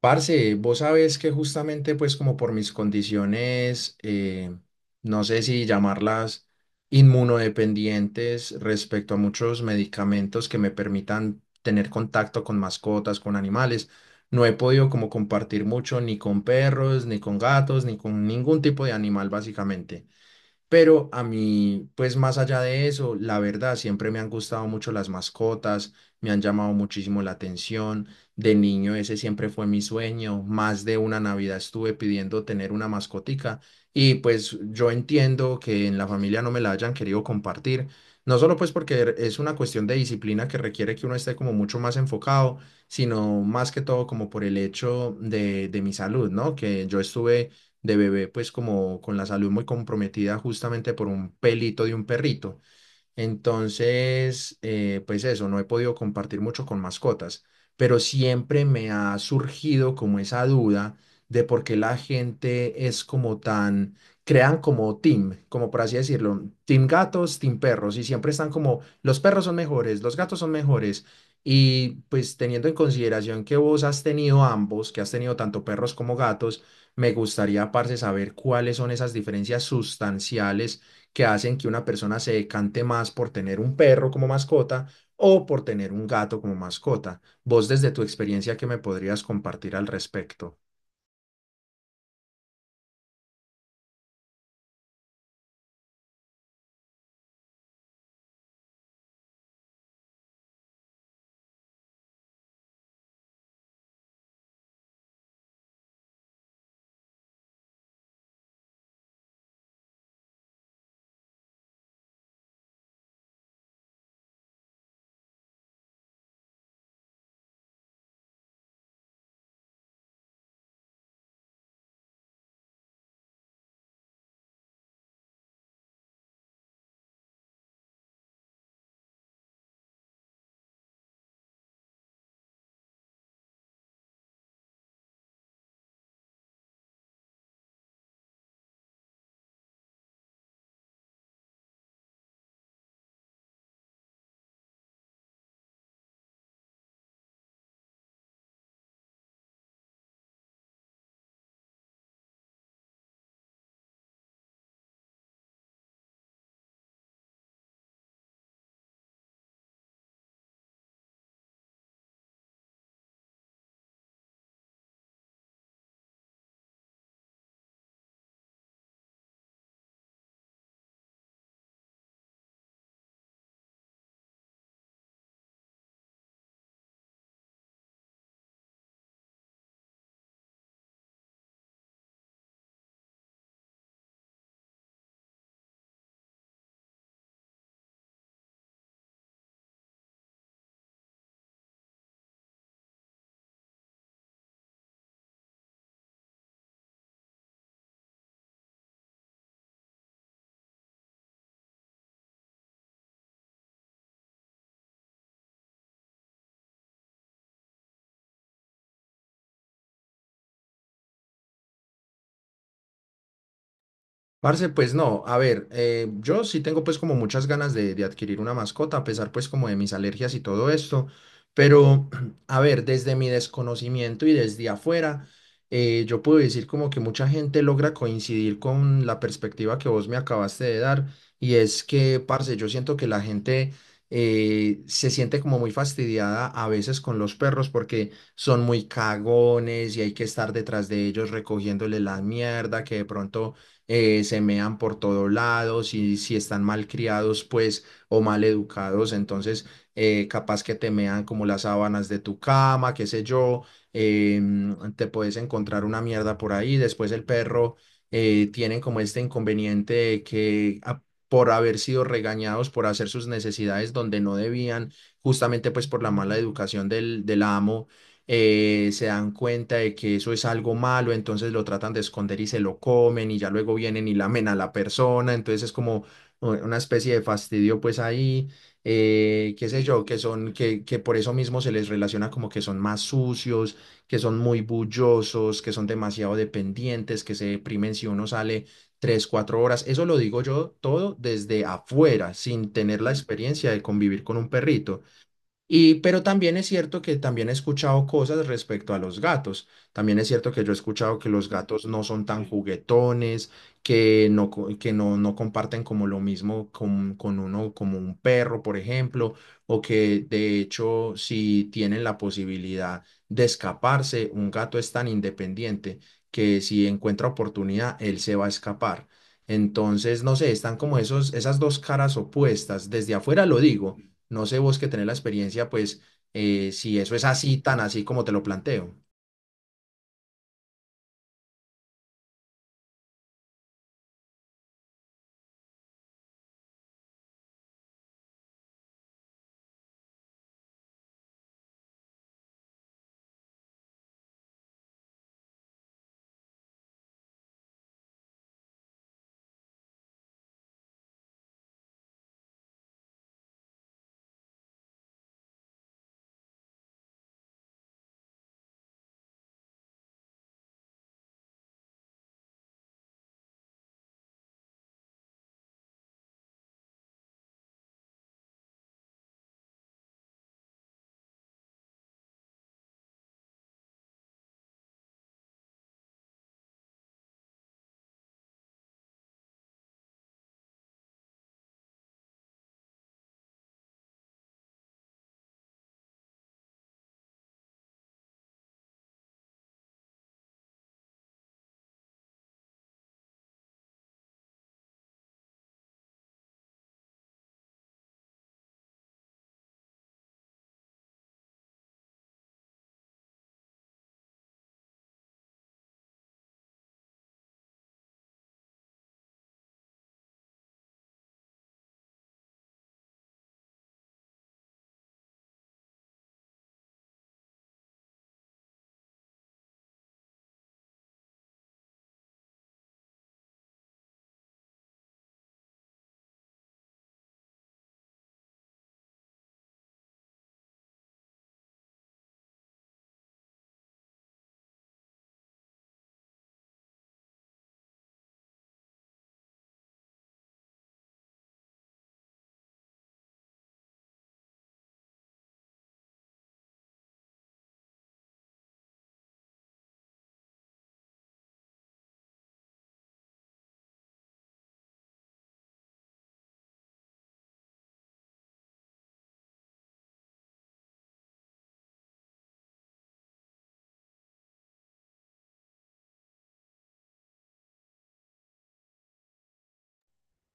Parce, vos sabés que justamente pues como por mis condiciones, no sé si llamarlas inmunodependientes respecto a muchos medicamentos que me permitan tener contacto con mascotas, con animales, no he podido como compartir mucho ni con perros, ni con gatos, ni con ningún tipo de animal básicamente. Pero a mí, pues más allá de eso, la verdad, siempre me han gustado mucho las mascotas, me han llamado muchísimo la atención. De niño ese siempre fue mi sueño. Más de una Navidad estuve pidiendo tener una mascotica y pues yo entiendo que en la familia no me la hayan querido compartir. No solo pues porque es una cuestión de disciplina que requiere que uno esté como mucho más enfocado, sino más que todo como por el hecho de mi salud, ¿no? Que yo estuve de bebé, pues como con la salud muy comprometida justamente por un pelito de un perrito. Entonces, pues eso, no he podido compartir mucho con mascotas, pero siempre me ha surgido como esa duda de por qué la gente es como tan, crean como team, como por así decirlo, team gatos, team perros, y siempre están como, los perros son mejores, los gatos son mejores, y pues teniendo en consideración que vos has tenido ambos, que has tenido tanto perros como gatos, me gustaría, parce, saber cuáles son esas diferencias sustanciales que hacen que una persona se decante más por tener un perro como mascota o por tener un gato como mascota. Vos desde tu experiencia, ¿qué me podrías compartir al respecto? Parce, pues no, a ver, yo sí tengo pues como muchas ganas de adquirir una mascota, a pesar pues como de mis alergias y todo esto, pero a ver, desde mi desconocimiento y desde afuera, yo puedo decir como que mucha gente logra coincidir con la perspectiva que vos me acabaste de dar, y es que, parce, yo siento que la gente se siente como muy fastidiada a veces con los perros porque son muy cagones y hay que estar detrás de ellos recogiéndole la mierda que de pronto se mean por todos lados y si están mal criados, pues, o mal educados, entonces capaz que te mean como las sábanas de tu cama, qué sé yo, te puedes encontrar una mierda por ahí, después el perro tienen como este inconveniente de que por haber sido regañados por hacer sus necesidades donde no debían, justamente pues por la mala educación del amo, se dan cuenta de que eso es algo malo, entonces lo tratan de esconder y se lo comen y ya luego vienen y lamen a la persona, entonces es como una especie de fastidio pues ahí, qué sé yo, que por eso mismo se les relaciona como que son más sucios, que son muy bullosos, que son demasiado dependientes, que se deprimen si uno sale 3, 4 horas. Eso lo digo yo todo desde afuera, sin tener la experiencia de convivir con un perrito. Y, pero también es cierto que también he escuchado cosas respecto a los gatos. También es cierto que yo he escuchado que los gatos no son tan juguetones, que no comparten como lo mismo con uno, como un perro, por ejemplo, o que de hecho si tienen la posibilidad de escaparse, un gato es tan independiente que si encuentra oportunidad, él se va a escapar. Entonces, no sé, están como esas dos caras opuestas. Desde afuera lo digo, no sé vos que tenés la experiencia, pues si eso es así, tan así como te lo planteo.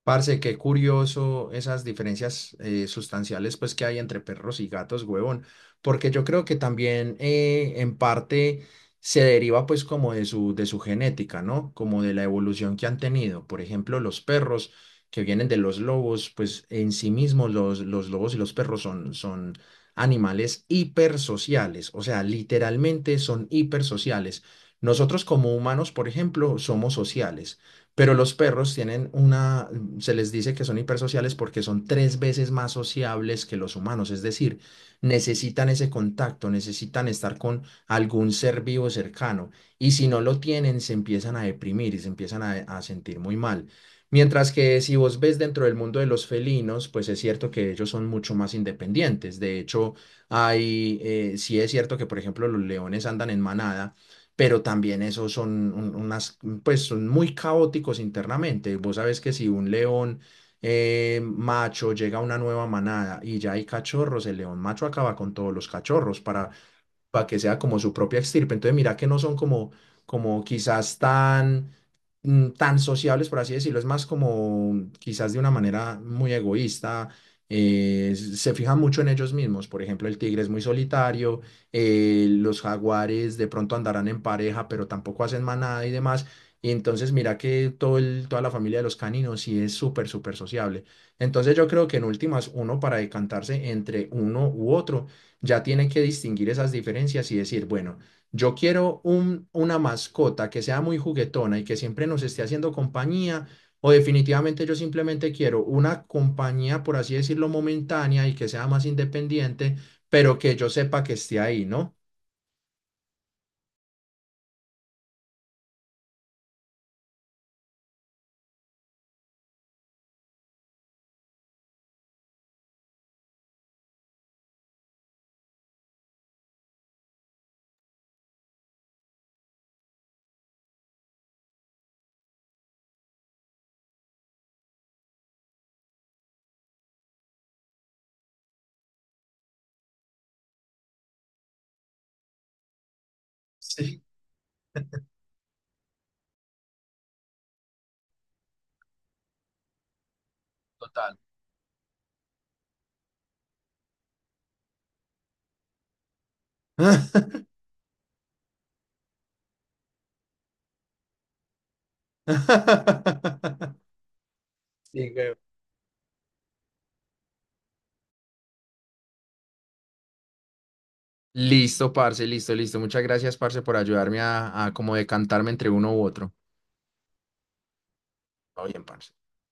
Parce, qué curioso esas diferencias sustanciales pues que hay entre perros y gatos, huevón, porque yo creo que también en parte se deriva pues como de de su genética, ¿no? Como de la evolución que han tenido. Por ejemplo, los perros que vienen de los lobos, pues en sí mismos los lobos y los perros son animales hipersociales, o sea, literalmente son hipersociales. Nosotros como humanos, por ejemplo, somos sociales pero los perros tienen una, se les dice que son hipersociales porque son tres veces más sociables que los humanos, es decir, necesitan ese contacto, necesitan estar con algún ser vivo cercano y si no lo tienen se empiezan a deprimir y se empiezan a sentir muy mal. Mientras que si vos ves dentro del mundo de los felinos, pues es cierto que ellos son mucho más independientes. De hecho, hay, sí es cierto que, por ejemplo, los leones andan en manada, pero también esos son unas mm, pues son muy caóticos internamente. Vos sabés que si un león macho llega a una nueva manada y ya hay cachorros, el león macho acaba con todos los cachorros para que sea como su propia extirpe. Entonces, mira que no son como, como quizás tan, mm, tan sociables, por así decirlo, es más como quizás de una manera muy egoísta. Se fijan mucho en ellos mismos, por ejemplo, el tigre es muy solitario, los jaguares de pronto andarán en pareja, pero tampoco hacen manada y demás. Y entonces mira que toda la familia de los caninos sí es súper, súper sociable. Entonces yo creo que en últimas uno para decantarse entre uno u otro ya tiene que distinguir esas diferencias y decir, bueno, yo quiero una mascota que sea muy juguetona y que siempre nos esté haciendo compañía, o definitivamente yo simplemente quiero una compañía, por así decirlo, momentánea y que sea más independiente, pero que yo sepa que esté ahí, ¿no? Sí, total. Sí, güey. Listo, parce, listo, listo. Muchas gracias, parce, por ayudarme a como decantarme entre uno u otro. Está bien, parce.